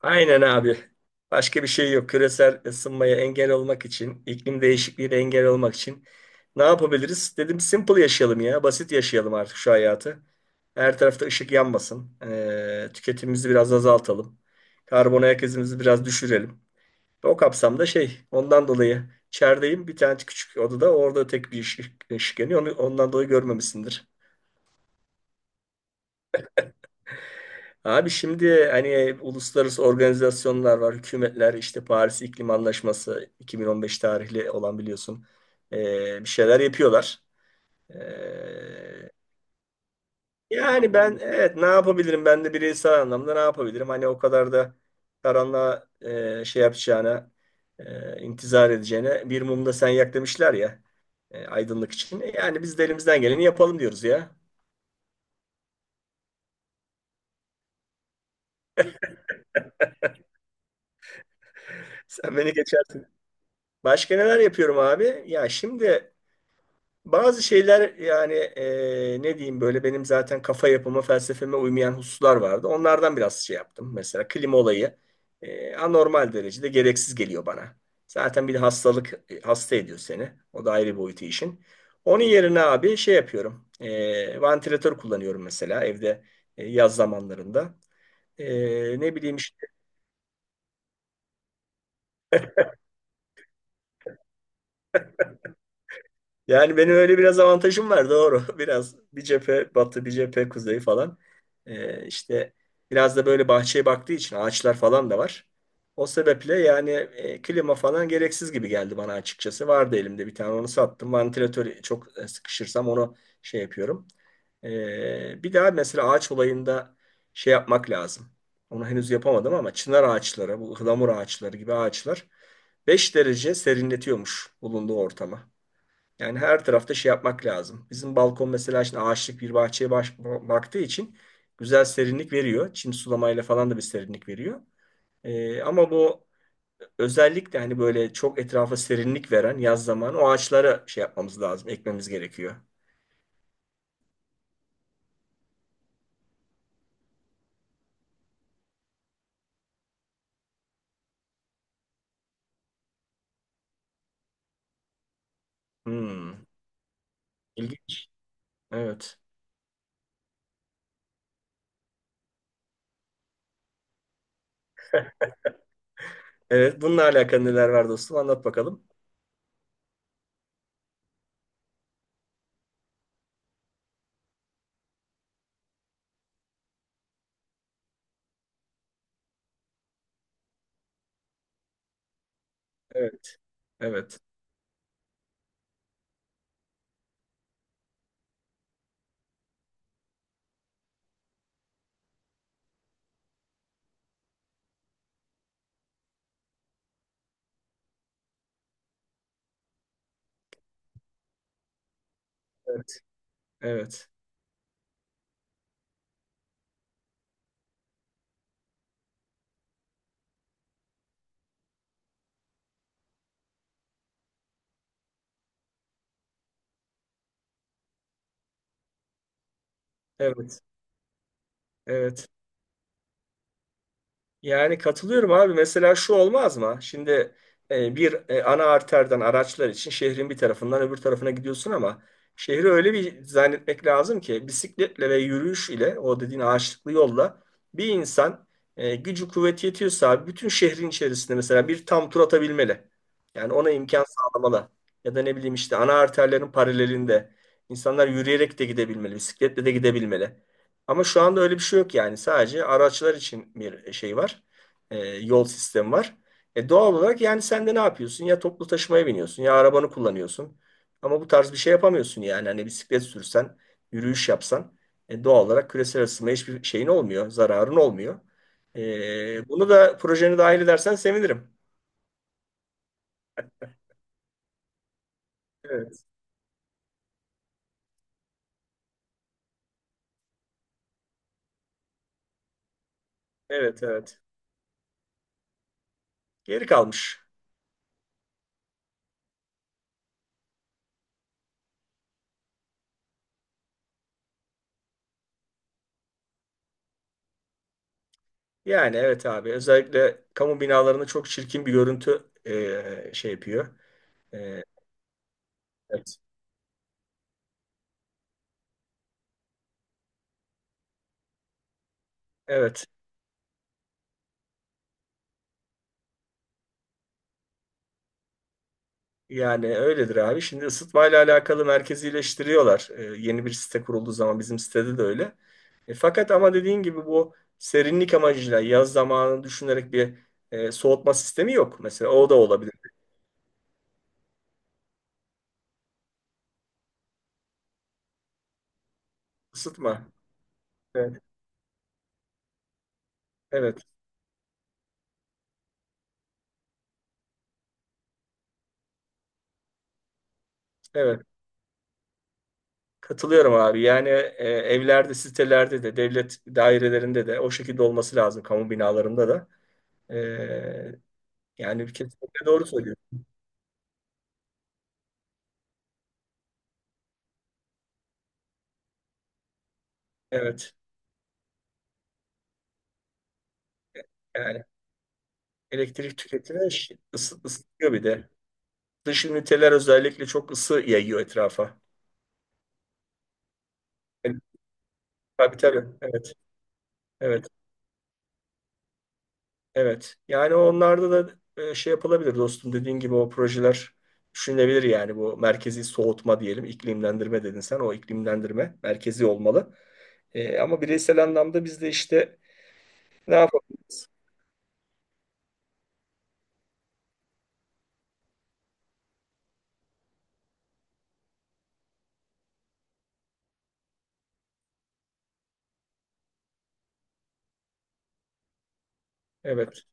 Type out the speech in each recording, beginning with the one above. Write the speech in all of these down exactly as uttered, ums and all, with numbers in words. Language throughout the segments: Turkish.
Aynen abi. Başka bir şey yok. Küresel ısınmaya engel olmak için, iklim değişikliğine engel olmak için ne yapabiliriz? Dedim simple yaşayalım ya. Basit yaşayalım artık şu hayatı. Her tarafta ışık yanmasın. Ee, tüketimimizi biraz azaltalım. Karbon ayak izimizi biraz düşürelim. O kapsamda şey, ondan dolayı içerideyim. Bir tane küçük odada orada tek bir ışık, ışık yanıyor. Onu, ondan dolayı görmemişsindir. Abi şimdi hani uluslararası organizasyonlar var, hükümetler işte Paris İklim Anlaşması iki bin on beş tarihli olan biliyorsun. Ee, bir şeyler yapıyorlar. Ee, Yani ben, evet, ne yapabilirim, ben de bireysel anlamda ne yapabilirim, hani o kadar da karanlığa e, şey yapacağına e, intizar edeceğine bir mumda sen yak demişler ya, e, aydınlık için. E, Yani biz de elimizden geleni yapalım diyoruz ya. Sen beni geçersin. Başka neler yapıyorum abi? Ya şimdi bazı şeyler, yani e, ne diyeyim, böyle benim zaten kafa yapıma, felsefeme uymayan hususlar vardı. Onlardan biraz şey yaptım. Mesela klima olayı e, anormal derecede gereksiz geliyor bana. Zaten bir de hastalık, e, hasta ediyor seni. O da ayrı boyutu işin. Onun yerine abi şey yapıyorum. E, vantilatör kullanıyorum mesela evde, e, yaz zamanlarında. E, ne bileyim işte. Yani benim öyle biraz avantajım var, doğru. Biraz bir cephe batı, bir cephe kuzey falan. Ee, işte biraz da böyle bahçeye baktığı için ağaçlar falan da var. O sebeple yani e, klima falan gereksiz gibi geldi bana açıkçası. Vardı elimde bir tane, onu sattım. Vantilatörü çok, e, sıkışırsam onu şey yapıyorum. Ee, bir daha mesela ağaç olayında şey yapmak lazım. Onu henüz yapamadım ama çınar ağaçları, bu ıhlamur ağaçları gibi ağaçlar beş derece serinletiyormuş bulunduğu ortama. Yani her tarafta şey yapmak lazım. Bizim balkon mesela şimdi ağaçlık bir bahçeye baş, baktığı için güzel serinlik veriyor. Çim sulamayla falan da bir serinlik veriyor. Ee, ama bu özellikle hani böyle çok etrafa serinlik veren yaz zamanı o ağaçlara şey yapmamız lazım, ekmemiz gerekiyor. Hmm, ilginç. Evet. Evet, bununla alakalı neler var dostum? Anlat bakalım. Evet. Evet. Evet. Evet. Evet, evet. Yani katılıyorum abi. Mesela şu olmaz mı? Şimdi e, bir e, ana arterden araçlar için şehrin bir tarafından öbür tarafına gidiyorsun ama şehri öyle bir zannetmek lazım ki bisikletle ve yürüyüş ile o dediğin ağaçlıklı yolla bir insan, e, gücü kuvveti yetiyorsa abi, bütün şehrin içerisinde mesela bir tam tur atabilmeli. Yani ona imkan sağlamalı. Ya da ne bileyim işte, ana arterlerin paralelinde insanlar yürüyerek de gidebilmeli, bisikletle de gidebilmeli. Ama şu anda öyle bir şey yok yani. Sadece araçlar için bir e, şey var. E, yol sistemi var. E, doğal olarak yani sen de ne yapıyorsun? Ya toplu taşımaya biniyorsun ya arabanı kullanıyorsun. Ama bu tarz bir şey yapamıyorsun yani. Hani bisiklet sürsen, yürüyüş yapsan, e, doğal olarak küresel ısınmaya hiçbir şeyin olmuyor, zararın olmuyor. E, bunu da projene dahil edersen sevinirim. Evet, evet, evet. Geri kalmış. Yani evet abi, özellikle kamu binalarında çok çirkin bir görüntü e, şey yapıyor. E, evet. Evet. Yani öyledir abi. Şimdi ısıtmayla alakalı merkezileştiriyorlar. Ee, yeni bir site kurulduğu zaman bizim sitede de öyle. E, fakat ama dediğin gibi bu serinlik amacıyla yaz zamanını düşünerek bir e, soğutma sistemi yok. Mesela o da olabilir. Isıtma. Evet. Evet. Evet. Katılıyorum abi. Yani e, evlerde, sitelerde de, devlet dairelerinde de o şekilde olması lazım. Kamu binalarında da. E, Yani kesinlikle doğru söylüyorsun. Evet. Yani elektrik tüketimi ısı- ısıtıyor bir de. Dış üniteler özellikle çok ısı yayıyor etrafa. Yani, tabii tabii. Evet. Evet. Evet. Yani onlarda da e, şey yapılabilir dostum. Dediğin gibi o projeler düşünülebilir, yani bu merkezi soğutma diyelim. İklimlendirme dedin sen. O iklimlendirme merkezi olmalı. E, ama bireysel anlamda biz de işte ne yapabiliriz? Evet.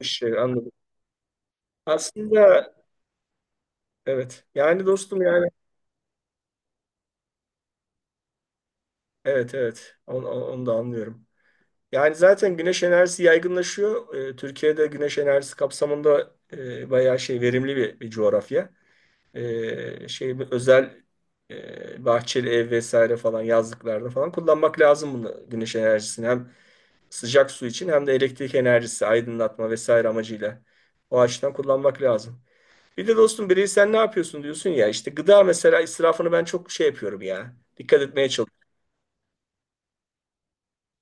Bir şey, anladım. Aslında evet. Yani dostum, yani evet, evet. Onu, onu da anlıyorum. Yani zaten güneş enerjisi yaygınlaşıyor. Ee, Türkiye'de güneş enerjisi kapsamında e, bayağı şey verimli bir, bir coğrafya. Ee, şey bu özel, e, bahçeli ev vesaire falan, yazlıklarda falan kullanmak lazım bunu, güneş enerjisini hem sıcak su için hem de elektrik enerjisi aydınlatma vesaire amacıyla o açıdan kullanmak lazım. Bir de dostum, bireysel ne yapıyorsun diyorsun ya, işte gıda mesela israfını ben çok şey yapıyorum ya. Dikkat etmeye.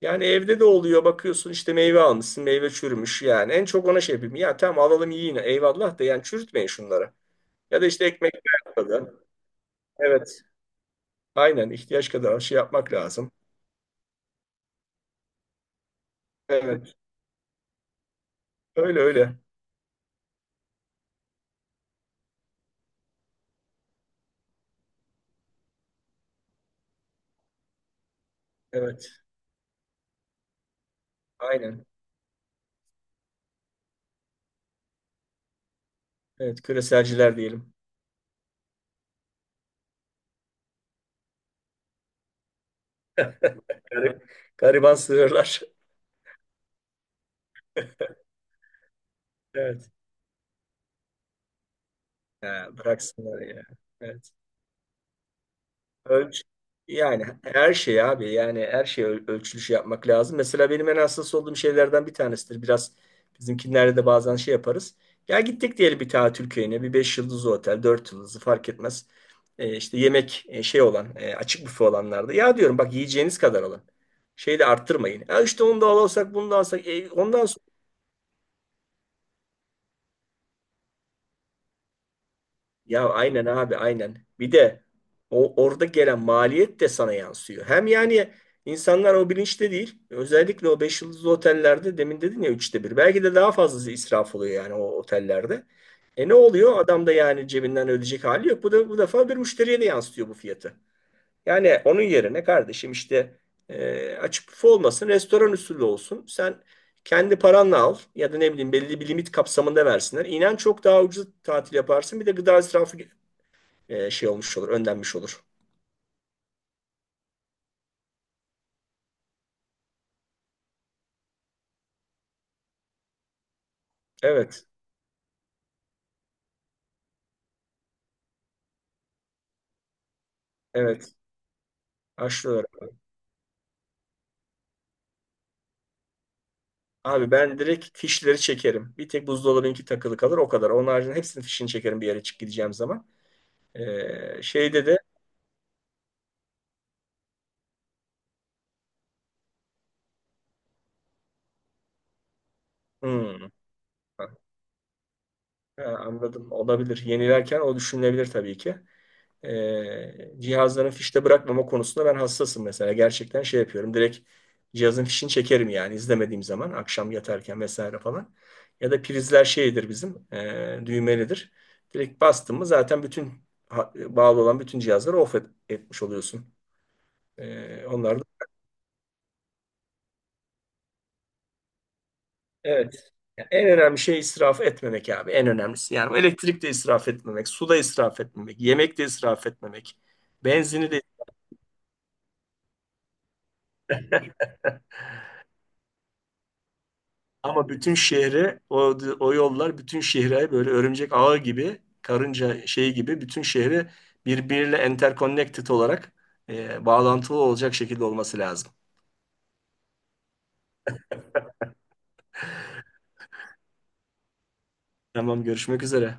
Yani evde de oluyor, bakıyorsun işte meyve almışsın meyve çürümüş, yani en çok ona şey yapayım ya, tamam alalım, yiyin, eyvallah da yani çürütmeyin şunları. Ya da işte ekmek kadar, evet, aynen ihtiyaç kadar şey yapmak lazım. Evet, öyle öyle. Evet, aynen. Evet, küreselciler diyelim. Garip- gariban sığırlar. Evet. Ha, bıraksınlar ya. Evet. Ölç, yani her şey abi, yani her şey öl- ölçülüş yapmak lazım. Mesela benim en hassas olduğum şeylerden bir tanesidir. Biraz bizimkinlerde de bazen şey yaparız. Ya gittik diyelim bir tatil köyüne, bir beş yıldızlı otel dört yıldızlı fark etmez. Ee, işte yemek e, şey olan, e, açık büfe olanlarda. Ya diyorum bak yiyeceğiniz kadar alın. Şeyi de arttırmayın. Ya işte onu da alırsak bunu da alsak. E, ondan. Ya aynen abi, aynen. Bir de o orada gelen maliyet de sana yansıyor. Hem yani insanlar o bilinçte değil. Özellikle o beş yıldızlı otellerde demin dedin ya, üçte bir. Belki de daha fazlası israf oluyor yani o otellerde. E ne oluyor? Adam da yani cebinden ödeyecek hali yok. Bu da bu defa bir müşteriye de yansıtıyor bu fiyatı. Yani onun yerine kardeşim işte, e, açık büfe olmasın, restoran usulü olsun. Sen kendi paranla al ya da ne bileyim belli bir limit kapsamında versinler. İnan çok daha ucuz tatil yaparsın. Bir de gıda israfı e, şey olmuş olur, önlenmiş olur. Evet, evet. Haşlıyorum. Abi ben direkt fişleri çekerim. Bir tek buzdolabınki takılı kalır o kadar. Onun haricinde hepsinin fişini çekerim bir yere çık gideceğim zaman. E, şeyde de, hmm, ha, anladım, olabilir. Yenilerken o düşünülebilir tabii ki. e, Cihazların fişte bırakmama konusunda ben hassasım mesela. Gerçekten şey yapıyorum. Direkt cihazın fişini çekerim yani izlemediğim zaman akşam yatarken vesaire falan. Ya da prizler şeydir bizim, e, düğmelidir. Direkt bastın mı zaten bütün ha- bağlı olan bütün cihazları off et- etmiş oluyorsun. E, onlar da. Evet. Ya en önemli şey israf etmemek abi. En önemlisi. Yani elektrikte israf etmemek, suda israf etmemek, yemekte israf etmemek, benzini de. Ama bütün şehre o, o yollar, bütün şehre böyle örümcek ağı gibi karınca şeyi gibi bütün şehri birbiriyle interconnected olarak, e, bağlantılı olacak şekilde olması lazım. Tamam, görüşmek üzere.